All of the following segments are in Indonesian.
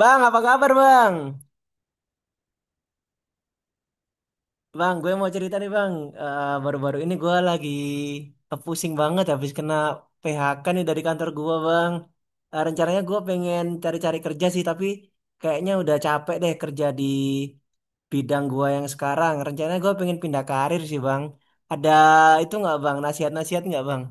Bang, apa kabar bang? Bang, gue mau cerita nih bang. Baru-baru ini gue lagi pusing banget habis kena PHK nih dari kantor gue bang. Rencananya gue pengen cari-cari kerja sih, tapi kayaknya udah capek deh kerja di bidang gue yang sekarang. Rencananya gue pengen pindah karir sih bang. Ada itu nggak bang? Nasihat-nasihat nggak bang?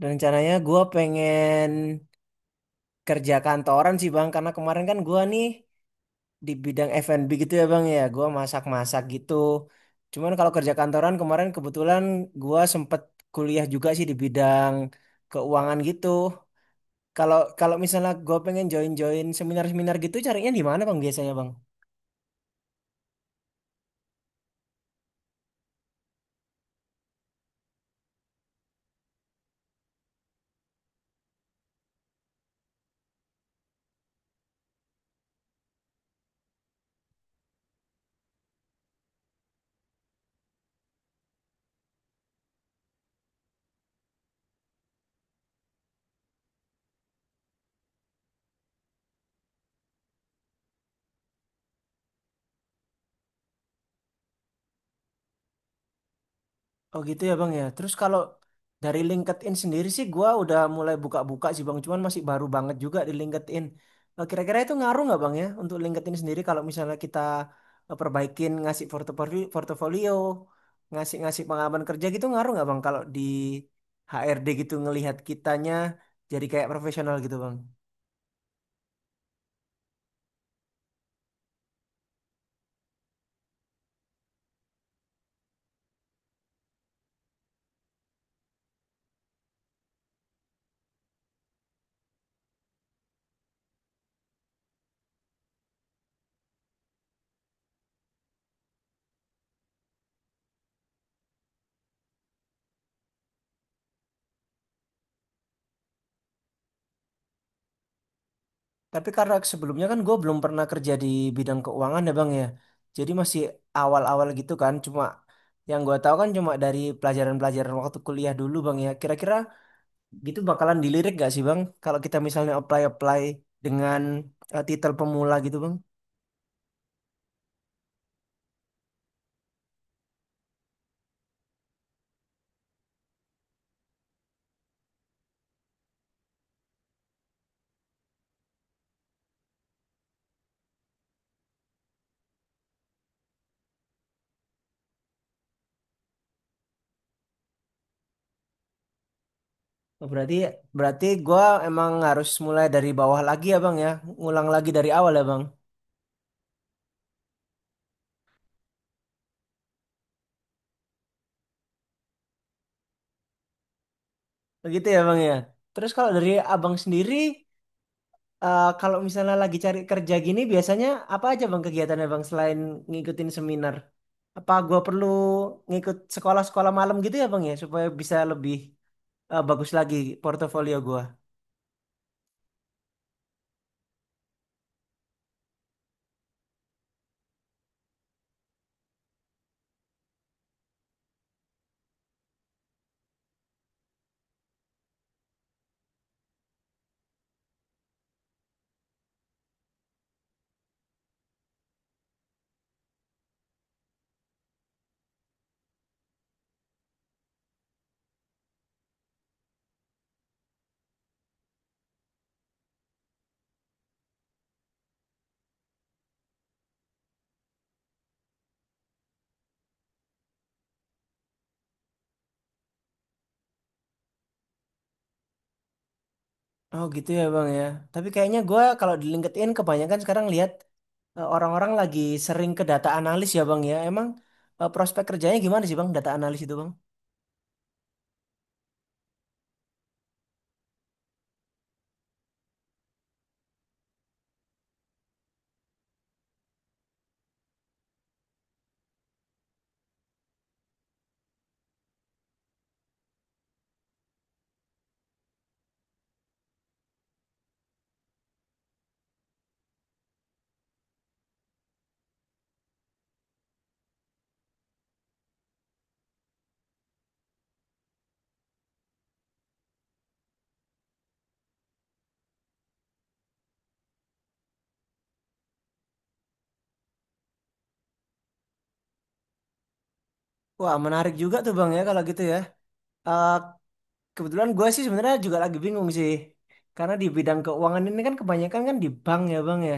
Dan rencananya gue pengen kerja kantoran sih bang, karena kemarin kan gue nih di bidang F&B gitu ya Bang ya. Gua masak-masak gitu. Cuman kalau kerja kantoran kemarin kebetulan gua sempet kuliah juga sih di bidang keuangan gitu. Kalau kalau misalnya gua pengen join-join seminar-seminar gitu carinya di mana Bang biasanya Bang? Oh gitu ya Bang ya. Terus kalau dari LinkedIn sendiri sih gua udah mulai buka-buka sih Bang, cuman masih baru banget juga di LinkedIn. Kira-kira itu ngaruh nggak Bang ya untuk LinkedIn sendiri kalau misalnya kita perbaikin ngasih portofolio, portofolio, ngasih-ngasih pengalaman kerja gitu ngaruh nggak Bang kalau di HRD gitu ngelihat kitanya jadi kayak profesional gitu Bang? Tapi karena sebelumnya kan gue belum pernah kerja di bidang keuangan ya bang ya. Jadi masih awal-awal gitu kan. Cuma yang gue tahu kan cuma dari pelajaran-pelajaran waktu kuliah dulu bang ya. Kira-kira gitu bakalan dilirik gak sih bang? Kalau kita misalnya apply-apply dengan titel pemula gitu bang. Oh, Berarti berarti gue emang harus mulai dari bawah lagi ya bang ya. Ngulang lagi dari awal ya bang. Begitu ya bang ya. Terus kalau dari abang sendiri. Kalau misalnya lagi cari kerja gini, biasanya apa aja bang kegiatannya bang selain ngikutin seminar? Apa gua perlu ngikut sekolah-sekolah malam gitu ya bang ya supaya bisa lebih bagus lagi portofolio gua? Oh gitu ya bang ya. Tapi kayaknya gua kalau di LinkedIn kebanyakan sekarang lihat orang-orang lagi sering ke data analis ya bang ya. Emang prospek kerjanya gimana sih bang data analis itu bang? Wah menarik juga tuh bang ya kalau gitu ya. Eh, Kebetulan gue sih sebenarnya juga lagi bingung sih. Karena di bidang keuangan ini kan kebanyakan kan di bank ya bang ya.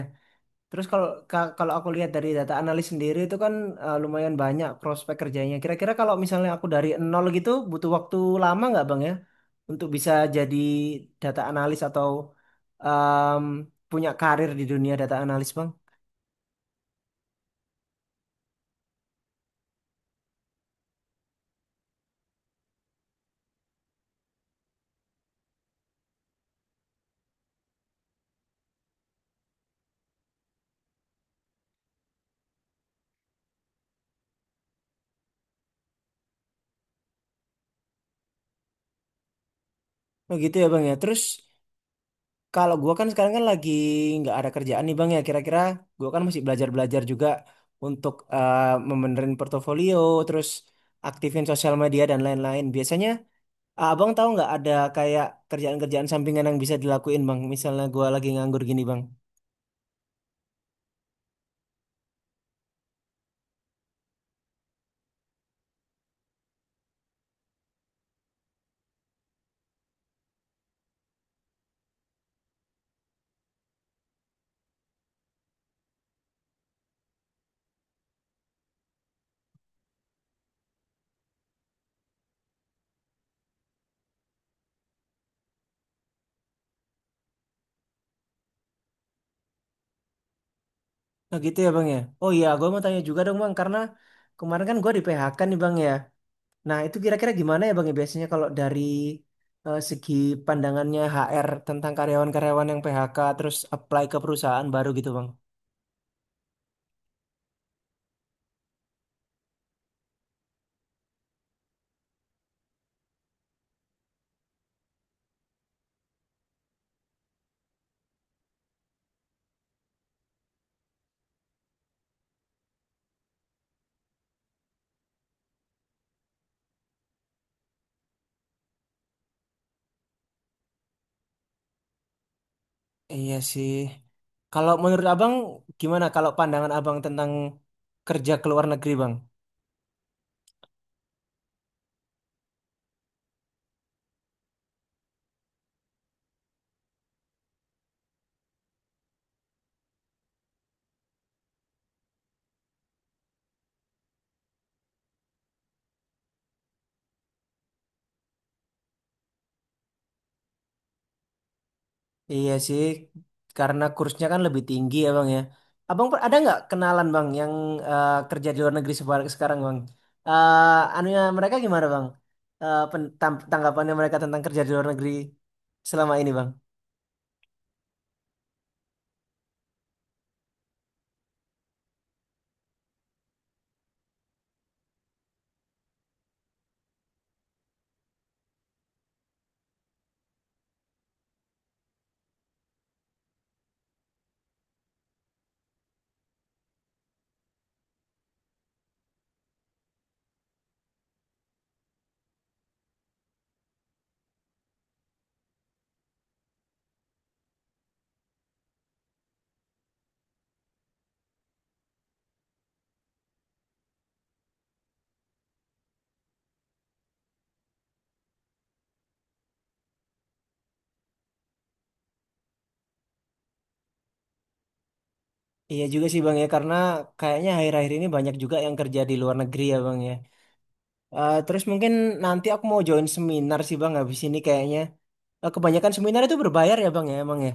Terus kalau aku lihat dari data analis sendiri itu kan lumayan banyak prospek kerjanya. Kira-kira kalau misalnya aku dari nol gitu butuh waktu lama nggak bang ya untuk bisa jadi data analis atau em, punya karir di dunia data analis bang? Oh gitu ya bang ya. Terus kalau gua kan sekarang kan lagi nggak ada kerjaan nih Bang ya. Kira-kira gua kan masih belajar-belajar juga untuk membenerin portofolio, terus aktifin sosial media dan lain-lain. Biasanya Abang tahu nggak ada kayak kerjaan-kerjaan sampingan yang bisa dilakuin Bang? Misalnya gua lagi nganggur gini Bang. Nah gitu ya Bang ya. Oh iya, gua mau tanya juga dong Bang karena kemarin kan gua di PHK nih Bang ya. Nah, itu kira-kira gimana ya Bang ya biasanya kalau dari segi pandangannya HR tentang karyawan-karyawan yang PHK terus apply ke perusahaan baru gitu Bang? Iya sih. Kalau menurut Abang gimana kalau pandangan Abang tentang kerja ke luar negeri Bang? Iya sih, karena kursnya kan lebih tinggi ya Bang ya. Ada nggak kenalan Bang yang kerja di luar negeri sekarang Bang? Eh anunya mereka gimana Bang? Tanggapannya mereka tentang kerja di luar negeri selama ini Bang? Iya juga sih Bang ya, karena kayaknya akhir-akhir ini banyak juga yang kerja di luar negeri ya Bang ya. Terus mungkin nanti aku mau join seminar sih Bang habis ini kayaknya. Kebanyakan seminar itu berbayar ya Bang ya emang ya.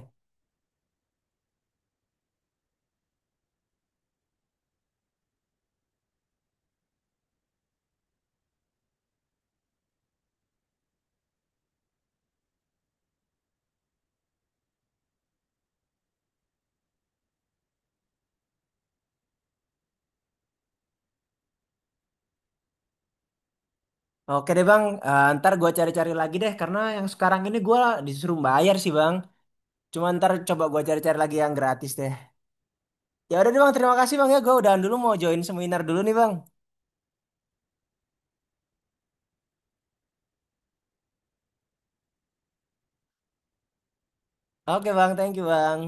Oke deh Bang. Ntar gue cari-cari lagi deh karena yang sekarang ini gue disuruh bayar sih Bang. Cuma ntar coba gue cari-cari lagi yang gratis deh. Ya udah deh Bang, terima kasih Bang ya. Gue udahan dulu mau join seminar dulu nih Bang. Oke Bang, thank you Bang.